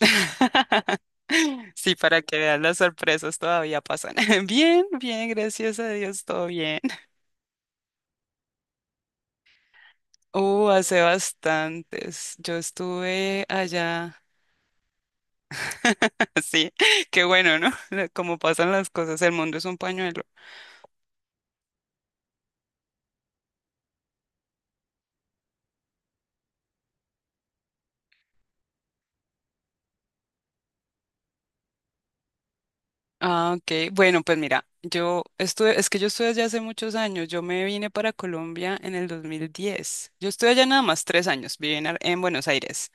Sí, para que vean las sorpresas todavía pasan. Bien, bien, gracias a Dios, todo bien. Hace bastantes. Yo estuve allá. Sí, qué bueno, ¿no? Como pasan las cosas, el mundo es un pañuelo. Ah, ok. Bueno, pues mira, yo estuve, es que yo estuve allá hace muchos años. Yo me vine para Colombia en el 2010. Yo estuve allá nada más 3 años, viví en, en Buenos Aires.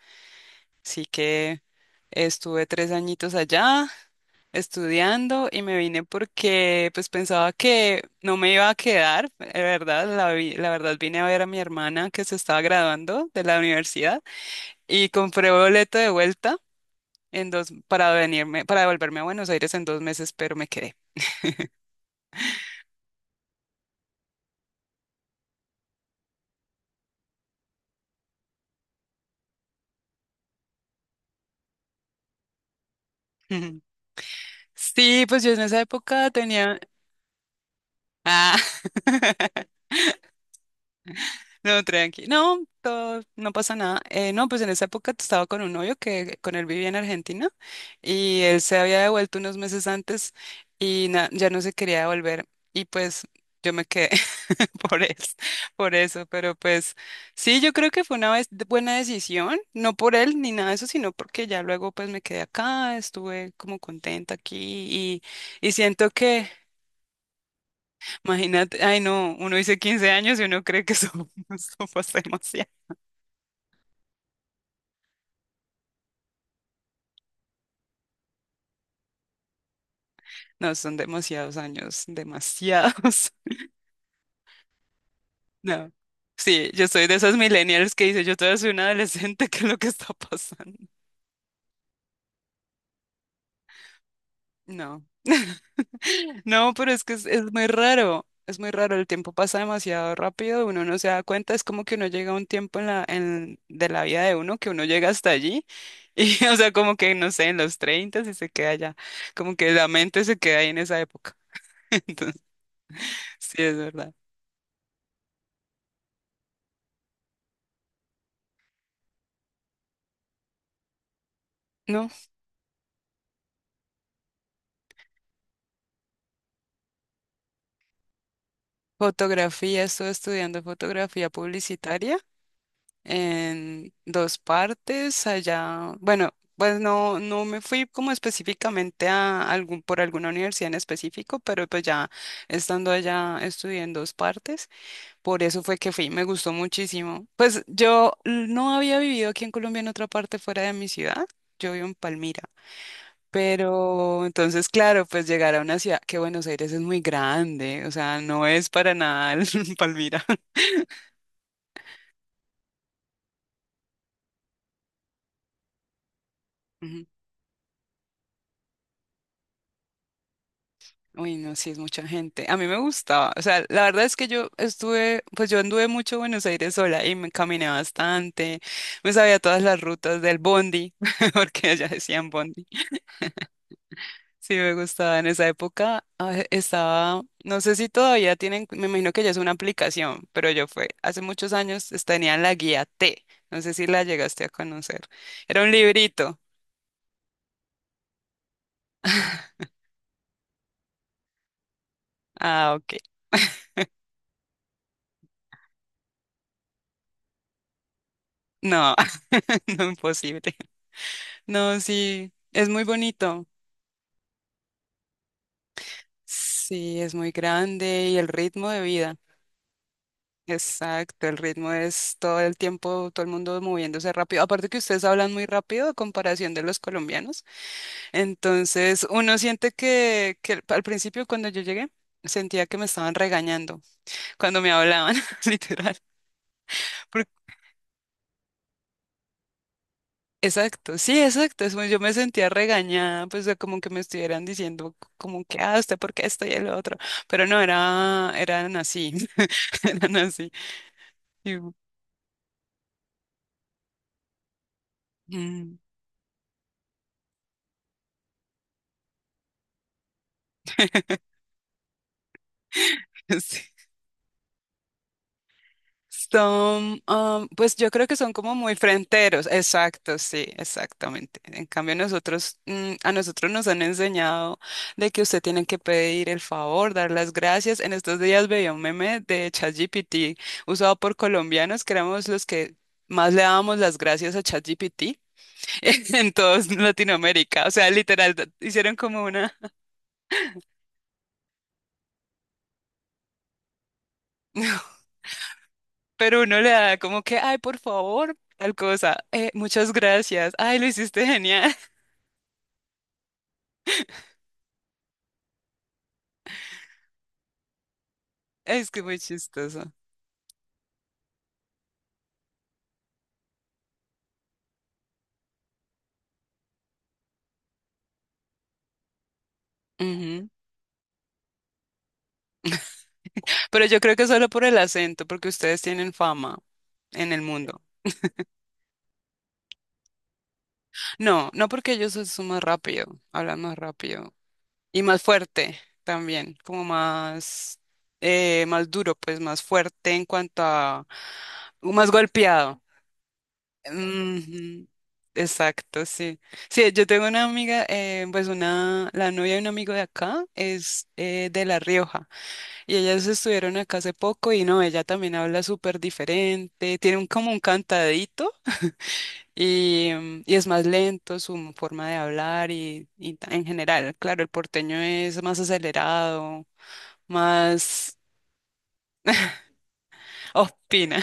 Así que estuve 3 añitos allá estudiando, y me vine porque pues pensaba que no me iba a quedar, de verdad, la verdad vine a ver a mi hermana que se estaba graduando de la universidad y compré boleto de vuelta en dos para venirme, para devolverme a Buenos Aires en 2 meses, pero me quedé. Sí, pues yo en esa época tenía. ah, No, tranqui. No, todo, no pasa nada. No, pues en esa época estaba con un novio que con él vivía en Argentina y él se había devuelto unos meses antes y ya no se quería devolver. Y pues yo me quedé por eso, por eso. Pero pues sí, yo creo que fue buena decisión, no por él ni nada de eso, sino porque ya luego pues me quedé acá, estuve como contenta aquí y, y siento que, imagínate, ay no, uno dice 15 años y uno cree que eso, eso pasa demasiado. No, son demasiados años, demasiados. No. Sí, yo soy de esos millennials que dice, yo todavía soy una adolescente, ¿qué es lo que está pasando? No. No, pero es que es muy raro, es muy raro, el tiempo pasa demasiado rápido, uno no se da cuenta, es como que uno llega a un tiempo de la vida de uno que uno llega hasta allí y, o sea, como que, no sé, en los 30 y se queda allá, como que la mente se queda ahí en esa época. Entonces, sí, es verdad. No, fotografía, estoy estudiando fotografía publicitaria en dos partes allá. Bueno, pues no, no me fui como específicamente a algún, por alguna universidad en específico, pero pues ya estando allá estudié en dos partes. Por eso fue que fui, me gustó muchísimo. Pues yo no había vivido aquí en Colombia en otra parte fuera de mi ciudad. Yo vivo en Palmira. Pero entonces, claro, pues llegar a una ciudad que Buenos Aires es muy grande, o sea, no es para nada el Palmira. Uy, no, sí, es mucha gente. A mí me gustaba. O sea, la verdad es que yo estuve, pues yo anduve mucho Buenos Aires sola y me caminé bastante. Me sabía todas las rutas del bondi, porque allá decían bondi. Sí, me gustaba. En esa época estaba, no sé si todavía tienen, me imagino que ya es una aplicación, pero yo fue, hace muchos años tenía la guía T. No sé si la llegaste a conocer. Era un librito. Ah, ok. No, no, imposible. No, sí, es muy bonito. Sí, es muy grande y el ritmo de vida. Exacto, el ritmo es todo el tiempo, todo el mundo moviéndose rápido. Aparte que ustedes hablan muy rápido a comparación de los colombianos. Entonces, uno siente que al principio cuando yo llegué, sentía que me estaban regañando cuando me hablaban, literal. Por- exacto, sí, exacto. Yo me sentía regañada, pues de como que me estuvieran diciendo como que, ah, usted, ¿por qué esto y el otro? Pero no, era, eran así, eran así. Mm. Sí. Son, pues yo creo que son como muy fronteros, exacto, sí, exactamente. En cambio nosotros, a nosotros nos han enseñado de que usted tiene que pedir el favor, dar las gracias. En estos días veía un meme de ChatGPT usado por colombianos, que éramos los que más le dábamos las gracias a ChatGPT en toda Latinoamérica. O sea, literal, hicieron como una... Pero uno le da como que, ay, por favor, tal cosa, muchas gracias, ay, lo hiciste genial. Es que muy chistoso. Ujú. Pero yo creo que solo por el acento, porque ustedes tienen fama en el mundo. No, no porque ellos son más rápido, hablan más rápido y más fuerte también, como más, más duro, pues más fuerte en cuanto a, más golpeado. Ujú, exacto, sí. Sí, yo tengo una amiga, pues una, la novia de un amigo de acá es de La Rioja y ellas estuvieron acá hace poco y no, ella también habla súper diferente, tiene un, como un cantadito y, y es más lento su forma de hablar y en general, claro, el porteño es más acelerado, más. Opina.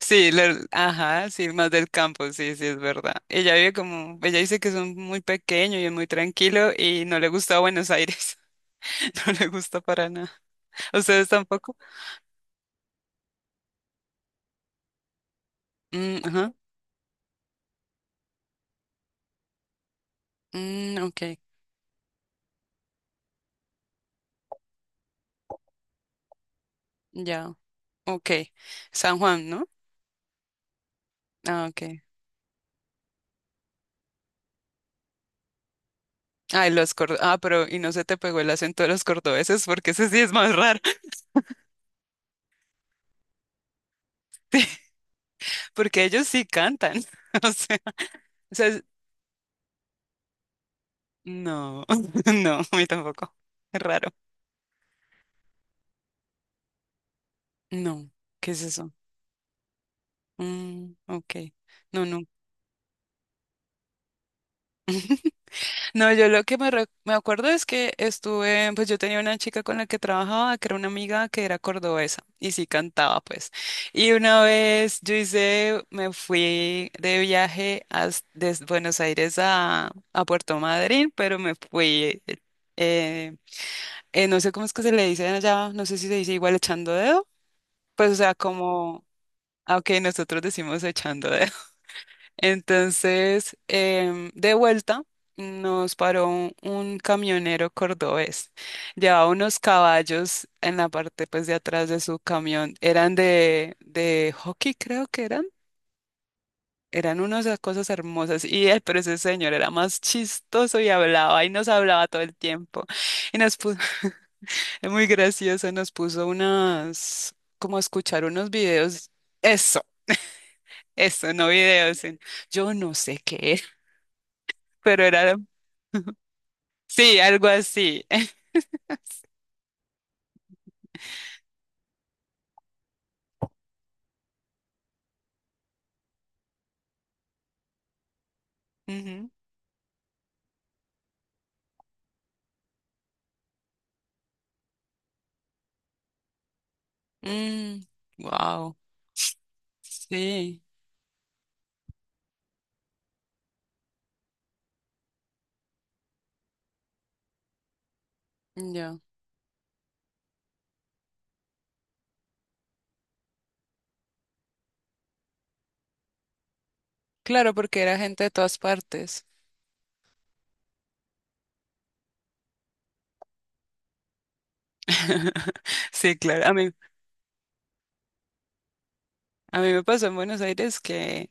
Sí, ajá, sí, más del campo, sí, sí, es verdad. Ella vive como, ella dice que son muy pequeño y es muy tranquilo y no le gusta Buenos Aires, no le gusta para nada. ¿Ustedes tampoco? Mm, ajá, mm, ok, ya, ok. San Juan, ¿no? Ah, ok. Ay, los cordobeses, ah, pero y no se te pegó el acento de los cordobeses porque ese sí es más raro. Sí, porque ellos sí cantan, o sea, o sea, es- no, no, a mí tampoco, es raro, no, ¿qué es eso? Mm, ok. No, no. No, yo lo que me, me acuerdo es que estuve, pues yo tenía una chica con la que trabajaba, que era una amiga que era cordobesa y sí cantaba, pues. Y una vez yo hice, me fui de viaje desde Buenos Aires a Puerto Madryn, pero me fui, eh, no sé cómo es que se le dice allá, no sé si se dice igual echando dedo, pues o sea, como, aunque nosotros decimos echando dedo. Entonces, de vuelta, nos paró un camionero cordobés. Llevaba unos caballos en la parte pues, de atrás de su camión. Eran de hockey, creo que eran. Eran unas cosas hermosas. Y él, pero ese señor era más chistoso y hablaba y nos hablaba todo el tiempo. Y nos puso, es muy gracioso, nos puso unas, como a escuchar unos videos. Eso, eso, no videos. Yo no sé qué, era, pero era. Sí, algo así. Ujú. Mm, wow. Sí, ya. Claro, porque era gente de todas partes. Sí, claro. A mí me pasó en Buenos Aires que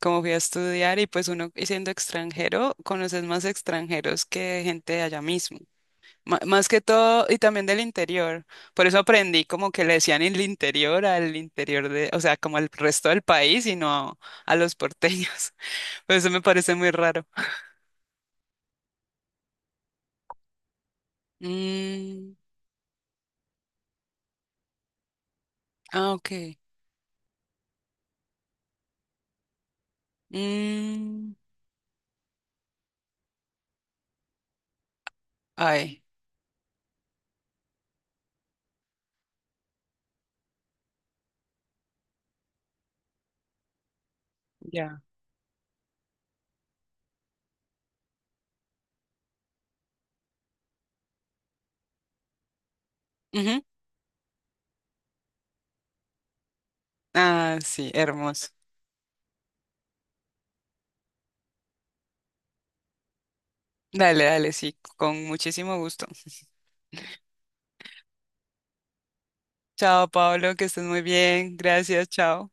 como fui a estudiar y pues uno y siendo extranjero, conoces más extranjeros que gente de allá mismo. Más que todo, y también del interior. Por eso aprendí como que le decían el interior al interior de, o sea, como al resto del país y no a los porteños. Por eso me parece muy raro. Mm, ah, ok. Mm, ay, ya. Ujú. Ah, sí, hermoso. Dale, dale, sí, con muchísimo gusto. Chao, Pablo, que estés muy bien. Gracias, chao.